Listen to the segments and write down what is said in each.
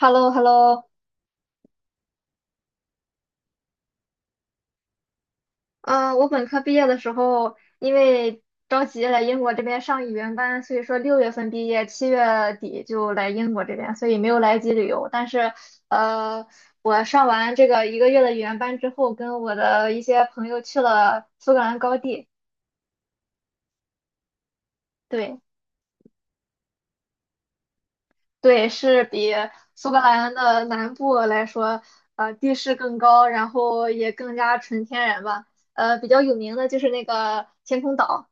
h e l l o h e l l o 嗯，我本科毕业的时候，因为着急来英国这边上语言班，所以说六月份毕业，七月底就来英国这边，所以没有来及旅游。但是，呃，我上完这个一个月的语言班之后，跟我的一些朋友去了苏格兰高地。对，对，是比苏格兰的南部来说，地势更高，然后也更加纯天然吧。比较有名的就是那个天空岛。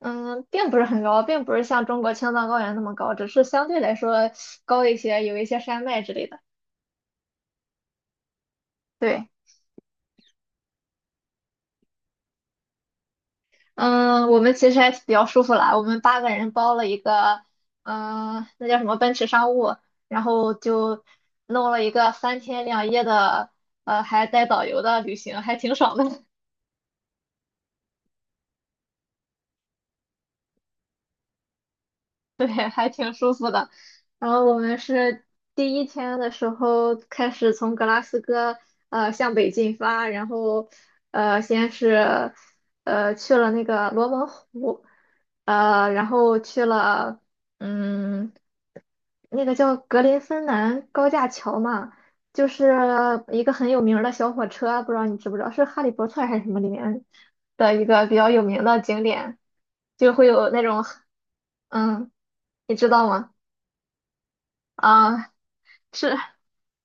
嗯，并不是很高，并不是像中国青藏高原那么高，只是相对来说高一些，有一些山脉之类的。对，嗯，我们其实还比较舒服啦，我们八个人包了一个，嗯，那叫什么奔驰商务，然后就弄了一个三天两夜的，还带导游的旅行，还挺爽的。对，还挺舒服的。然后我们是第一天的时候开始从格拉斯哥向北进发，然后先是去了那个罗蒙湖，然后去了嗯那个叫格林芬兰高架桥嘛，就是一个很有名儿的小火车，不知道你知不知道，是《哈利波特》还是什么里面的一个比较有名的景点。就会有那种嗯，你知道吗？啊，是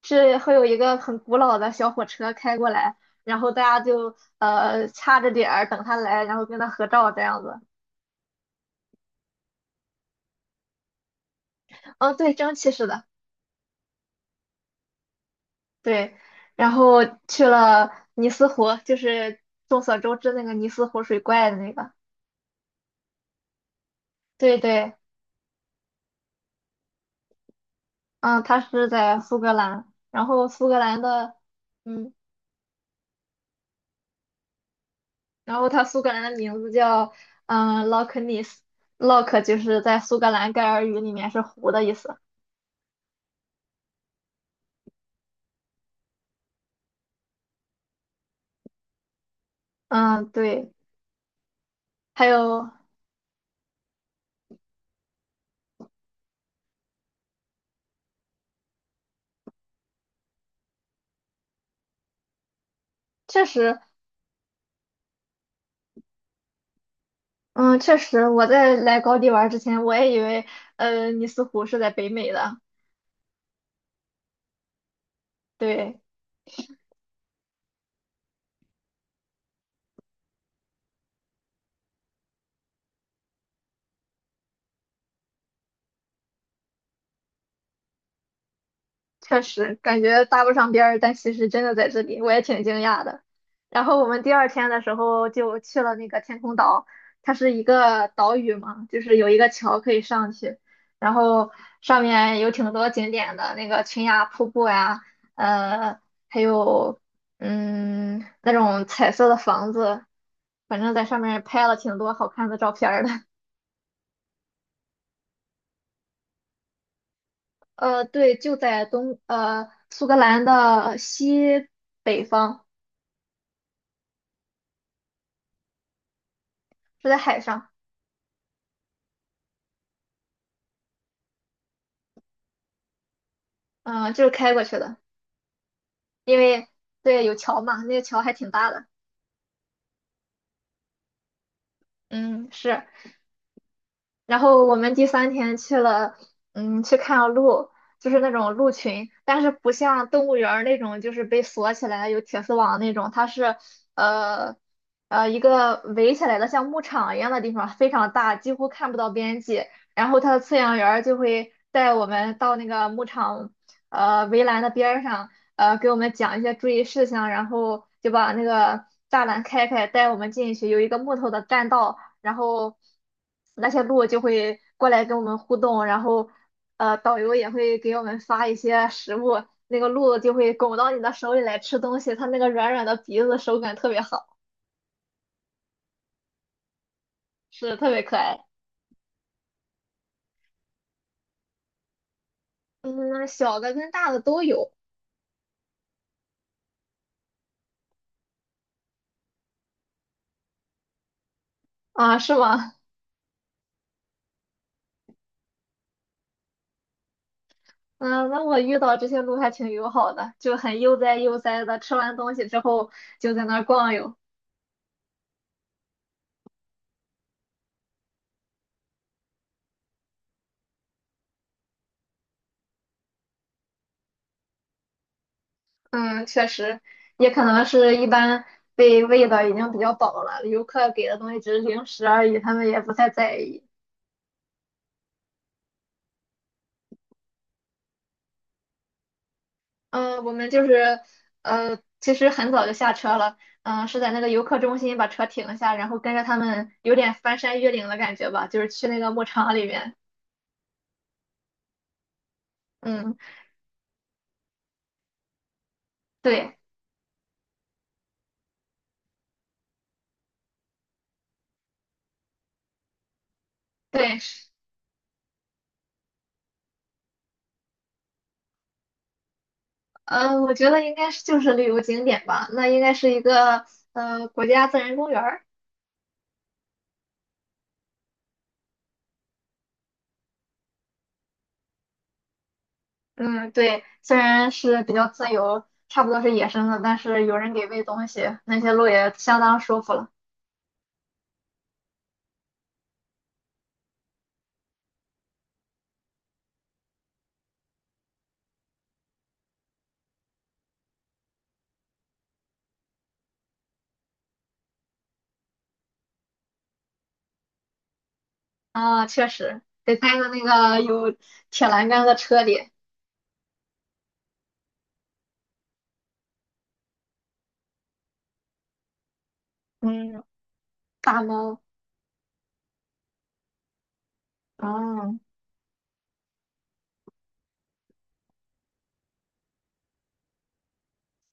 是会有一个很古老的小火车开过来，然后大家就掐着点儿等他来，然后跟他合照这样子。嗯，对，蒸汽式的，对。然后去了尼斯湖，就是众所周知那个尼斯湖水怪的那个。对对，嗯，它是在苏格兰，然后苏格兰的。嗯。然后它苏格兰的名字叫Loch Ness，Loch 就是在苏格兰盖尔语里面是湖的意思。嗯，对，还有确实，嗯，确实，我在来高地玩之前，我也以为尼斯湖是在北美的。对，确实感觉搭不上边儿，但其实真的在这里，我也挺惊讶的。然后我们第二天的时候就去了那个天空岛，它是一个岛屿嘛，就是有一个桥可以上去，然后上面有挺多景点的，那个群崖瀑布呀，呃，还有那种彩色的房子，反正在上面拍了挺多好看的照片儿的。对，就在苏格兰的西北方，就在海上。嗯，就是开过去的，因为对有桥嘛，那个桥还挺大的。嗯，是，然后我们第三天去了，嗯，去看鹿，就是那种鹿群，但是不像动物园儿那种，就是被锁起来有铁丝网那种，它是呃一个围起来的像牧场一样的地方，非常大，几乎看不到边际。然后它的饲养员儿就会带我们到那个牧场围栏的边儿上，给我们讲一些注意事项，然后就把那个栅栏开开，带我们进去，有一个木头的栈道。然后那些鹿就会过来跟我们互动，然后导游也会给我们发一些食物，那个鹿就会拱到你的手里来吃东西，它那个软软的鼻子手感特别好，是特别可爱。嗯，小的跟大的都有。啊，是吗？嗯，那我遇到这些鹿还挺友好的，就很悠哉悠哉的，吃完东西之后就在那儿逛悠。嗯，确实，也可能是一般被喂的已经比较饱了，游客给的东西只是零食而已，他们也不太在意。嗯，我们就是其实很早就下车了，嗯，是在那个游客中心把车停下，然后跟着他们有点翻山越岭的感觉吧，就是去那个牧场里面。嗯，对对，嗯，我觉得应该是就是旅游景点吧，那应该是一个国家自然公园儿。嗯，对，虽然是比较自由，差不多是野生的，但是有人给喂东西，那些鹿也相当舒服了。啊，确实，得待在那个有铁栏杆的车里。嗯，大猫，嗯，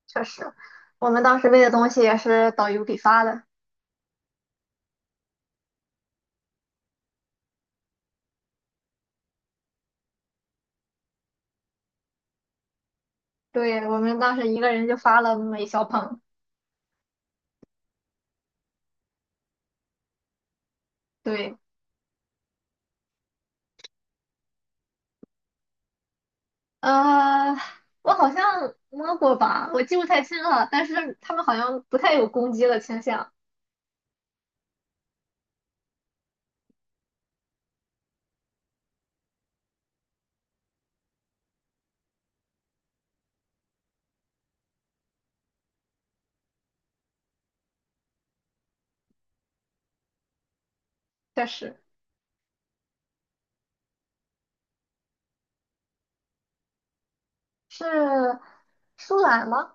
确实，我们当时喂的东西也是导游给发的。对，我们当时一个人就发了那么一小捧。对，呃，我好像摸过吧，我记不太清了，但是他们好像不太有攻击的倾向，确实。是舒兰吗？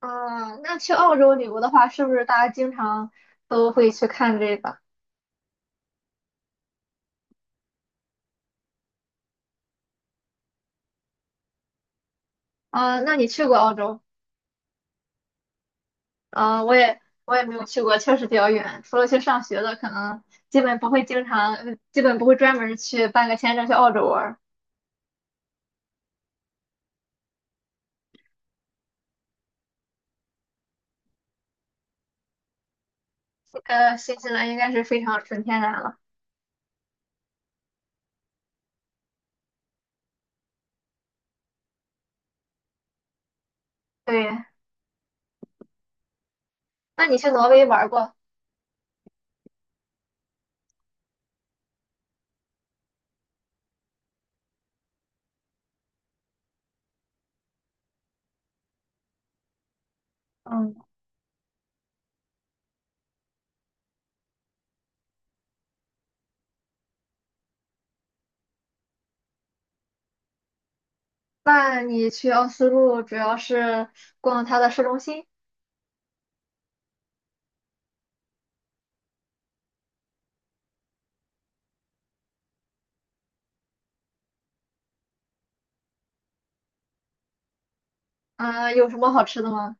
嗯，那去澳洲旅游的话，是不是大家经常都会去看这个？啊，那你去过澳洲？啊，我也没有去过，确实比较远。除了去上学的，可能基本不会经常，基本不会专门去办个签证去澳洲玩儿。新西兰应该是非常纯天然了。对，那你去挪威玩儿过？嗯，那你去奥斯陆主要是逛它的市中心。嗯，有什么好吃的吗？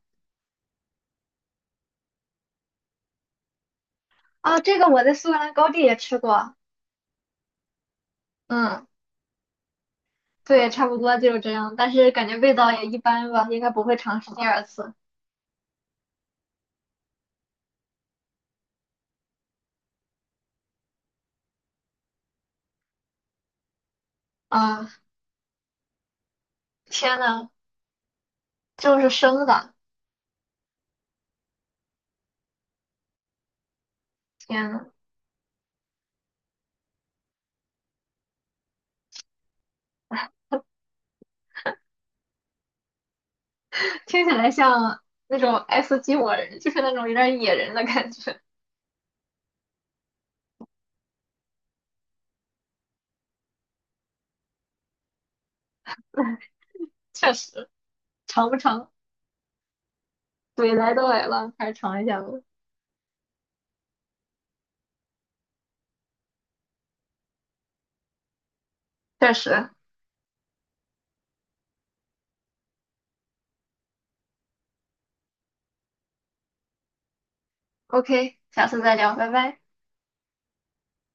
啊，这个我在苏格兰高地也吃过，嗯，对，差不多就是这样，但是感觉味道也一般吧，应该不会尝试第二次。啊，天呐，就是生的，天呐，听起来像那种爱斯基摩人，就是那种有点野人的感觉，确实，尝不尝？对，来都来了，还是尝一下吧，确实。OK，下次再聊，拜拜。